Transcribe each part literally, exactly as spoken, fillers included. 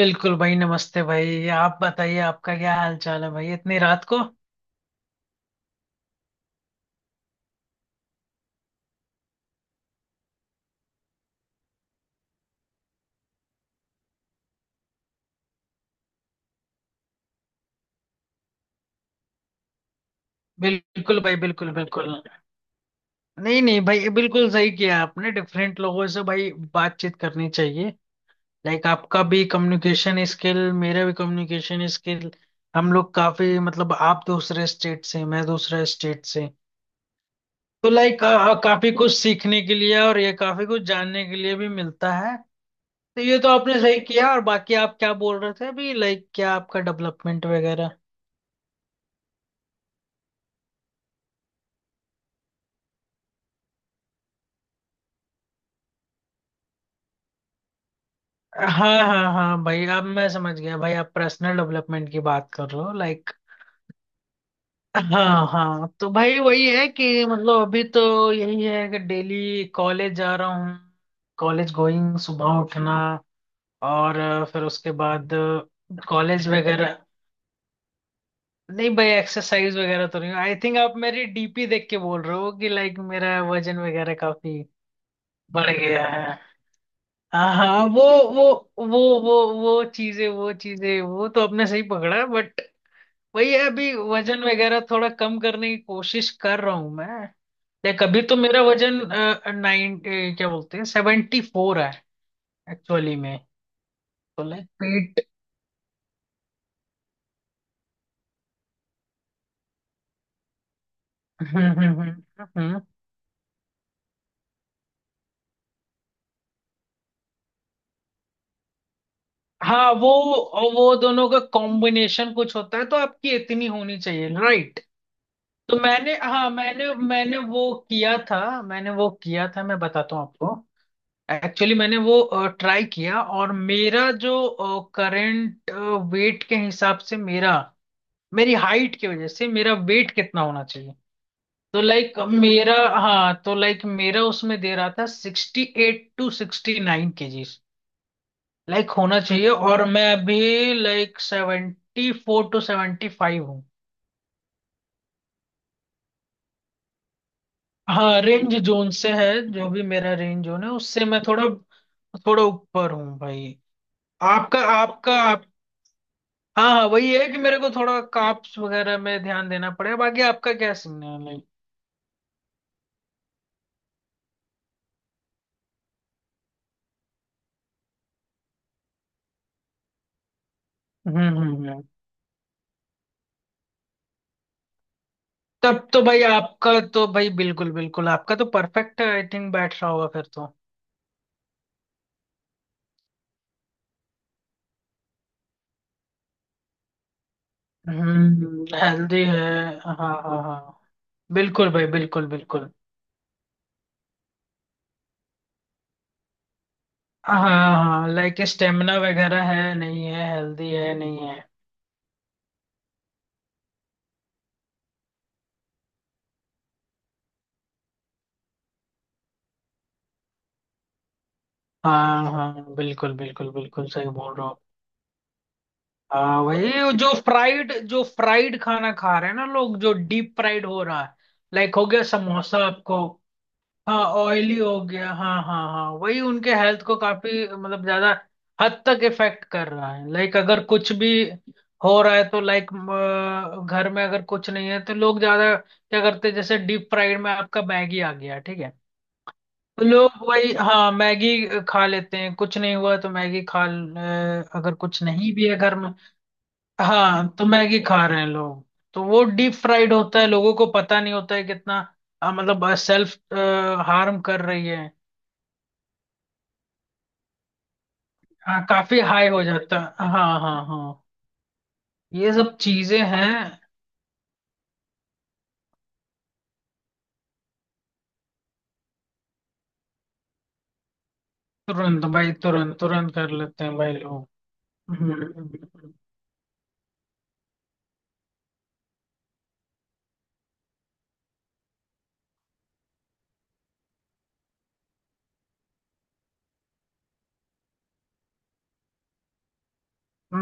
बिल्कुल भाई, नमस्ते भाई। आप बताइए, आपका क्या हाल चाल है भाई, इतनी रात को? बिल्कुल भाई, बिल्कुल बिल्कुल। नहीं नहीं भाई, बिल्कुल सही किया आपने। डिफरेंट लोगों से भाई बातचीत करनी चाहिए। लाइक आपका भी कम्युनिकेशन स्किल, मेरा भी कम्युनिकेशन स्किल। हम लोग काफी, मतलब आप दूसरे स्टेट से, मैं दूसरे स्टेट से, तो लाइक काफी कुछ सीखने के लिए और ये काफी कुछ जानने के लिए भी मिलता है। तो ये तो आपने सही किया। और बाकी आप क्या बोल रहे थे अभी, लाइक क्या आपका डेवलपमेंट वगैरह? हाँ हाँ हाँ भाई, अब मैं समझ गया भाई। आप पर्सनल डेवलपमेंट की बात कर रहे हो, लाइक हाँ हाँ। तो भाई वही है कि, मतलब अभी तो यही है कि डेली कॉलेज जा रहा हूँ। कॉलेज गोइंग, सुबह उठना और अ, फिर उसके बाद कॉलेज वगैरह। नहीं भाई, एक्सरसाइज वगैरह तो नहीं। आई थिंक आप मेरी डीपी देख के बोल रहे हो कि लाइक मेरा वजन वगैरह काफी बढ़ गया है। हाँ हाँ। वो वो वो वो वो चीजें वो चीजें वो तो आपने सही पकड़ा, बट वही है, अभी वजन वगैरह थोड़ा कम करने की कोशिश कर रहा हूं मैं। देख अभी तो मेरा वजन नाइन, क्या बोलते हैं, सेवेंटी फोर है एक्चुअली में। तो लाइक पेट, हम्म हम्म हम्म, हम्म। हाँ वो वो दोनों का कॉम्बिनेशन कुछ होता है तो आपकी इतनी होनी चाहिए, राइट? तो मैंने, हाँ मैंने, मैंने वो किया था मैंने वो किया था, मैं बताता हूँ आपको। एक्चुअली मैंने वो ट्राई किया, और मेरा जो करंट वेट के हिसाब से मेरा, मेरी हाइट की वजह से मेरा वेट कितना होना चाहिए, तो लाइक मेरा, हाँ तो लाइक मेरा उसमें दे रहा था sixty eight to sixty nine kgs like होना चाहिए, और मैं अभी like seventy four to seventy five हूँ। हाँ रेंज जोन से है, जो भी मेरा रेंज जोन है उससे मैं थोड़ा, थोड़ा ऊपर हूँ भाई। आपका आपका आप, हाँ हाँ वही है कि मेरे को थोड़ा काप्स वगैरह में ध्यान देना पड़ेगा। बाकी आपका क्या सीन है लाइक? हम्म हम्म हम्म। तब तो भाई आपका तो भाई बिल्कुल बिल्कुल, आपका तो परफेक्ट आई थिंक बैठ रहा होगा फिर तो। हम्म, हेल्दी है। हाँ हाँ हाँ, बिल्कुल भाई बिल्कुल बिल्कुल। हाँ हाँ, लाइक स्टेमिना वगैरह है नहीं है, हेल्दी है नहीं है। हाँ हाँ, बिल्कुल बिल्कुल बिल्कुल सही बोल रहे हो आप। हाँ वही, जो फ्राइड जो फ्राइड खाना खा रहे हैं ना लोग, जो डीप फ्राइड हो रहा है, लाइक हो गया समोसा आपको। हाँ ऑयली हो गया, हाँ हाँ हाँ वही, उनके हेल्थ को काफी, मतलब ज्यादा हद तक इफेक्ट कर रहा है। लाइक अगर कुछ भी हो रहा है, तो लाइक घर में अगर कुछ नहीं है तो लोग ज्यादा क्या करते हैं, जैसे डीप फ्राइड में आपका मैगी आ गया, ठीक है? तो लोग वही, हाँ मैगी खा लेते हैं। कुछ नहीं हुआ तो मैगी खा ल- अ, अगर कुछ नहीं भी है घर में, हाँ तो मैगी खा रहे हैं लोग। तो वो डीप फ्राइड होता है, लोगों को पता नहीं होता है कितना अ, मतलब सेल्फ हार्म कर रही है। हाँ काफी हाई हो जाता है, हाँ हाँ हाँ ये सब चीजें हैं। तुरंत भाई, तुरंत तुरंत कर लेते हैं भाई लोग। हम्म,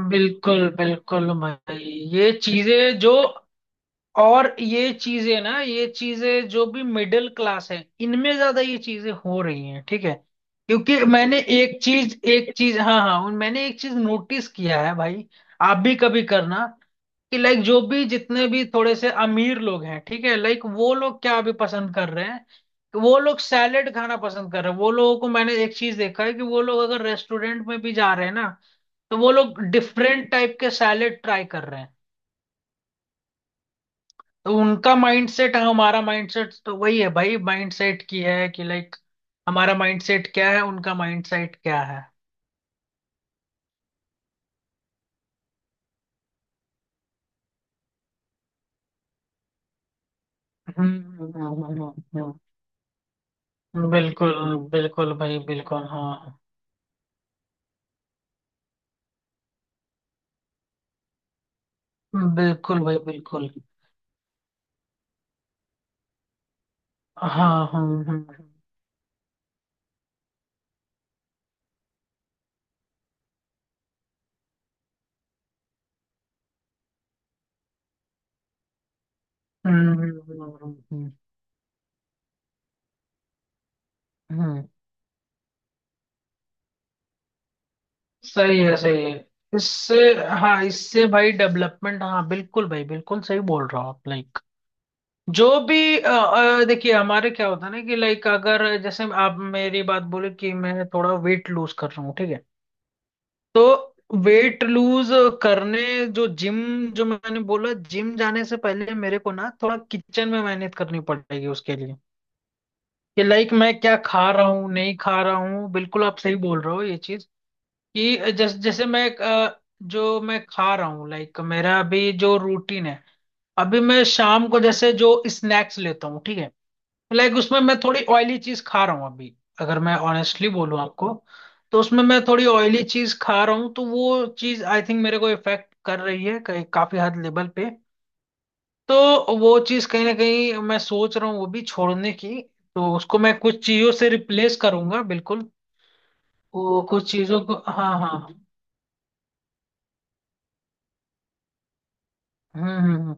बिल्कुल बिल्कुल भाई। ये चीजें जो और ये चीजें ना, ये चीजें जो भी मिडिल क्लास है, इनमें ज्यादा ये चीजें हो रही हैं, ठीक है? क्योंकि मैंने एक चीज, एक चीज हाँ हाँ उन- मैंने एक चीज नोटिस किया है भाई, आप भी कभी करना कि लाइक जो भी जितने भी थोड़े से अमीर लोग हैं, ठीक है, लाइक वो लोग क्या अभी पसंद कर रहे हैं कि वो लोग सैलेड खाना पसंद कर रहे हैं। वो लोगों को मैंने एक चीज देखा है कि वो लोग अगर रेस्टोरेंट में भी जा रहे हैं ना, तो वो लोग डिफरेंट टाइप के सैलेड ट्राई कर रहे हैं। तो उनका माइंडसेट, हमारा माइंडसेट तो वही है भाई, माइंडसेट की है कि लाइक हमारा माइंडसेट क्या है, उनका माइंडसेट क्या है। हम्म, हम्म, हम्म, हम्म, हम्म। बिल्कुल बिल्कुल भाई बिल्कुल। हाँ बिल्कुल भाई बिल्कुल। हाँ हम्म हम्म हम्म हम्म, हम्म, हम्म, हम्म, सही है सही है। इससे, हाँ इससे भाई डेवलपमेंट, हाँ बिल्कुल भाई बिल्कुल सही बोल रहा हूँ आप। लाइक जो भी अ, अ, देखिए हमारे क्या होता है ना कि लाइक, अगर जैसे आप मेरी बात बोले कि मैं थोड़ा वेट लूज कर रहा हूँ, ठीक है, तो वेट लूज करने, जो जिम, जो मैंने बोला, जिम जाने से पहले मेरे को ना थोड़ा किचन में मेहनत करनी पड़ेगी उसके लिए, कि लाइक मैं क्या खा रहा हूँ नहीं खा रहा हूँ। बिल्कुल आप सही बोल रहे हो ये चीज, कि जैसे जैसे मैं अ, जो मैं खा रहा हूँ, लाइक मेरा अभी जो रूटीन है, अभी मैं शाम को जैसे जो स्नैक्स लेता हूँ, ठीक है, लाइक उसमें मैं थोड़ी ऑयली चीज खा रहा हूँ अभी। अगर मैं ऑनेस्टली बोलूँ आपको, तो उसमें मैं थोड़ी ऑयली चीज खा रहा हूँ। तो वो चीज आई थिंक मेरे को इफेक्ट कर रही है कई- काफी हद लेवल पे। तो वो चीज कहीं ना कहीं मैं सोच रहा हूँ वो भी छोड़ने की, तो उसको मैं कुछ चीजों से रिप्लेस करूंगा बिल्कुल। वो कुछ चीजों को, हाँ हाँ हाँ। हम्म हम्म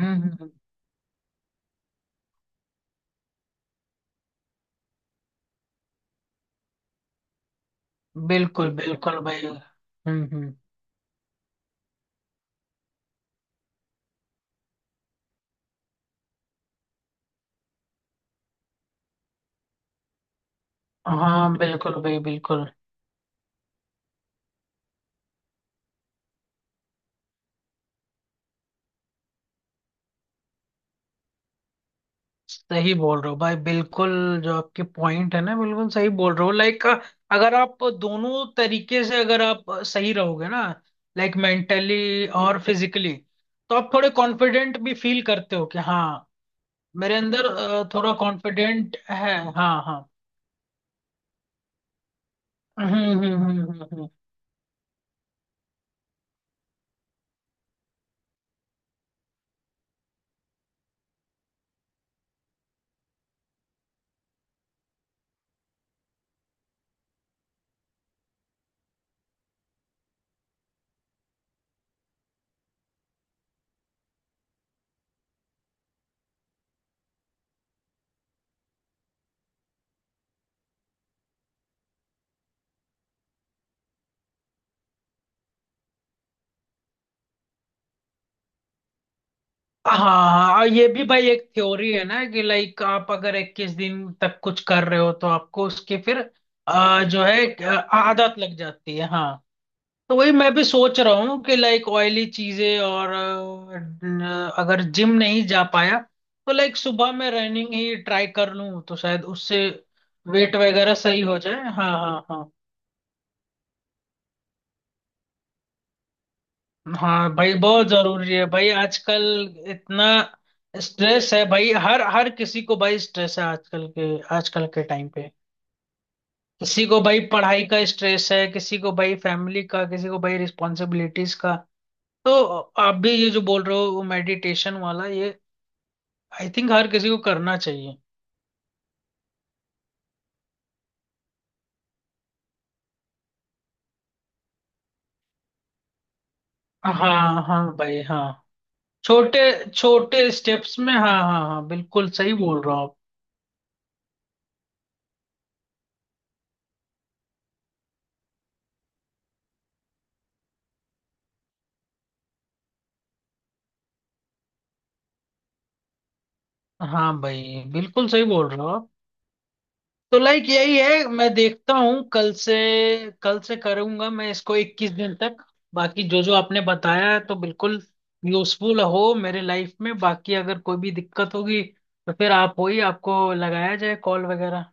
हम्म हम्म, हम्म, हम्म। बिल्कुल बिल्कुल भाई, हम्म हम्म। हाँ बिल्कुल भाई बिल्कुल सही बोल रहे हो भाई। बिल्कुल जो आपके पॉइंट है ना, बिल्कुल सही बोल रहे हो। लाइक अगर आप दोनों तरीके से अगर आप सही रहोगे ना, लाइक मेंटली और फिजिकली, तो आप थोड़े कॉन्फिडेंट भी फील करते हो कि हाँ मेरे अंदर अ, थोड़ा कॉन्फिडेंट है। हाँ हाँ हम्म हम्म हम्म हम्म, हम्म। हाँ हाँ, और ये भी भाई एक थ्योरी है ना कि लाइक, आप अगर इक्कीस दिन तक कुछ कर रहे हो तो आपको उसकी फिर अ, जो है एक, अ, आदत लग जाती है हाँ। तो वही मैं भी सोच रहा हूँ कि लाइक ऑयली चीजें और अ, न- अगर जिम नहीं जा पाया तो लाइक सुबह में रनिंग ही ट्राई कर लूँ, तो शायद उससे वेट वगैरह सही हो जाए। हाँ हाँ हाँ। हाँ भाई बहुत जरूरी है भाई आजकल। इतना स्ट्रेस है भाई, हर हर किसी को भाई स्ट्रेस है आजकल के, आजकल के टाइम पे। किसी को भाई पढ़ाई का स्ट्रेस है, किसी को भाई फैमिली का, किसी को भाई रिस्पॉन्सिबिलिटीज का। तो आप भी ये जो बोल रहे हो मेडिटेशन वाला ये, आई थिंक हर किसी को करना चाहिए। हाँ हाँ भाई हाँ। छोटे छोटे स्टेप्स में, हाँ हाँ हाँ बिल्कुल सही बोल रहा हूँ आप। हाँ भाई बिल्कुल सही बोल रहा हो आप। तो लाइक यही है, मैं देखता हूँ कल से, कल से करूंगा मैं इसको इक्कीस दिन तक। बाकी जो जो आपने बताया है तो बिल्कुल यूजफुल हो मेरे लाइफ में। बाकी अगर कोई भी दिक्कत होगी तो फिर आप हो ही, आपको लगाया जाए कॉल वगैरह।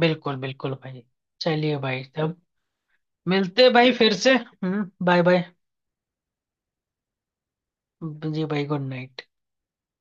बिल्कुल बिल्कुल भाई। चलिए भाई, तब मिलते हैं भाई फिर से। हम्म बाय बाय, जी भाई गुड नाइट।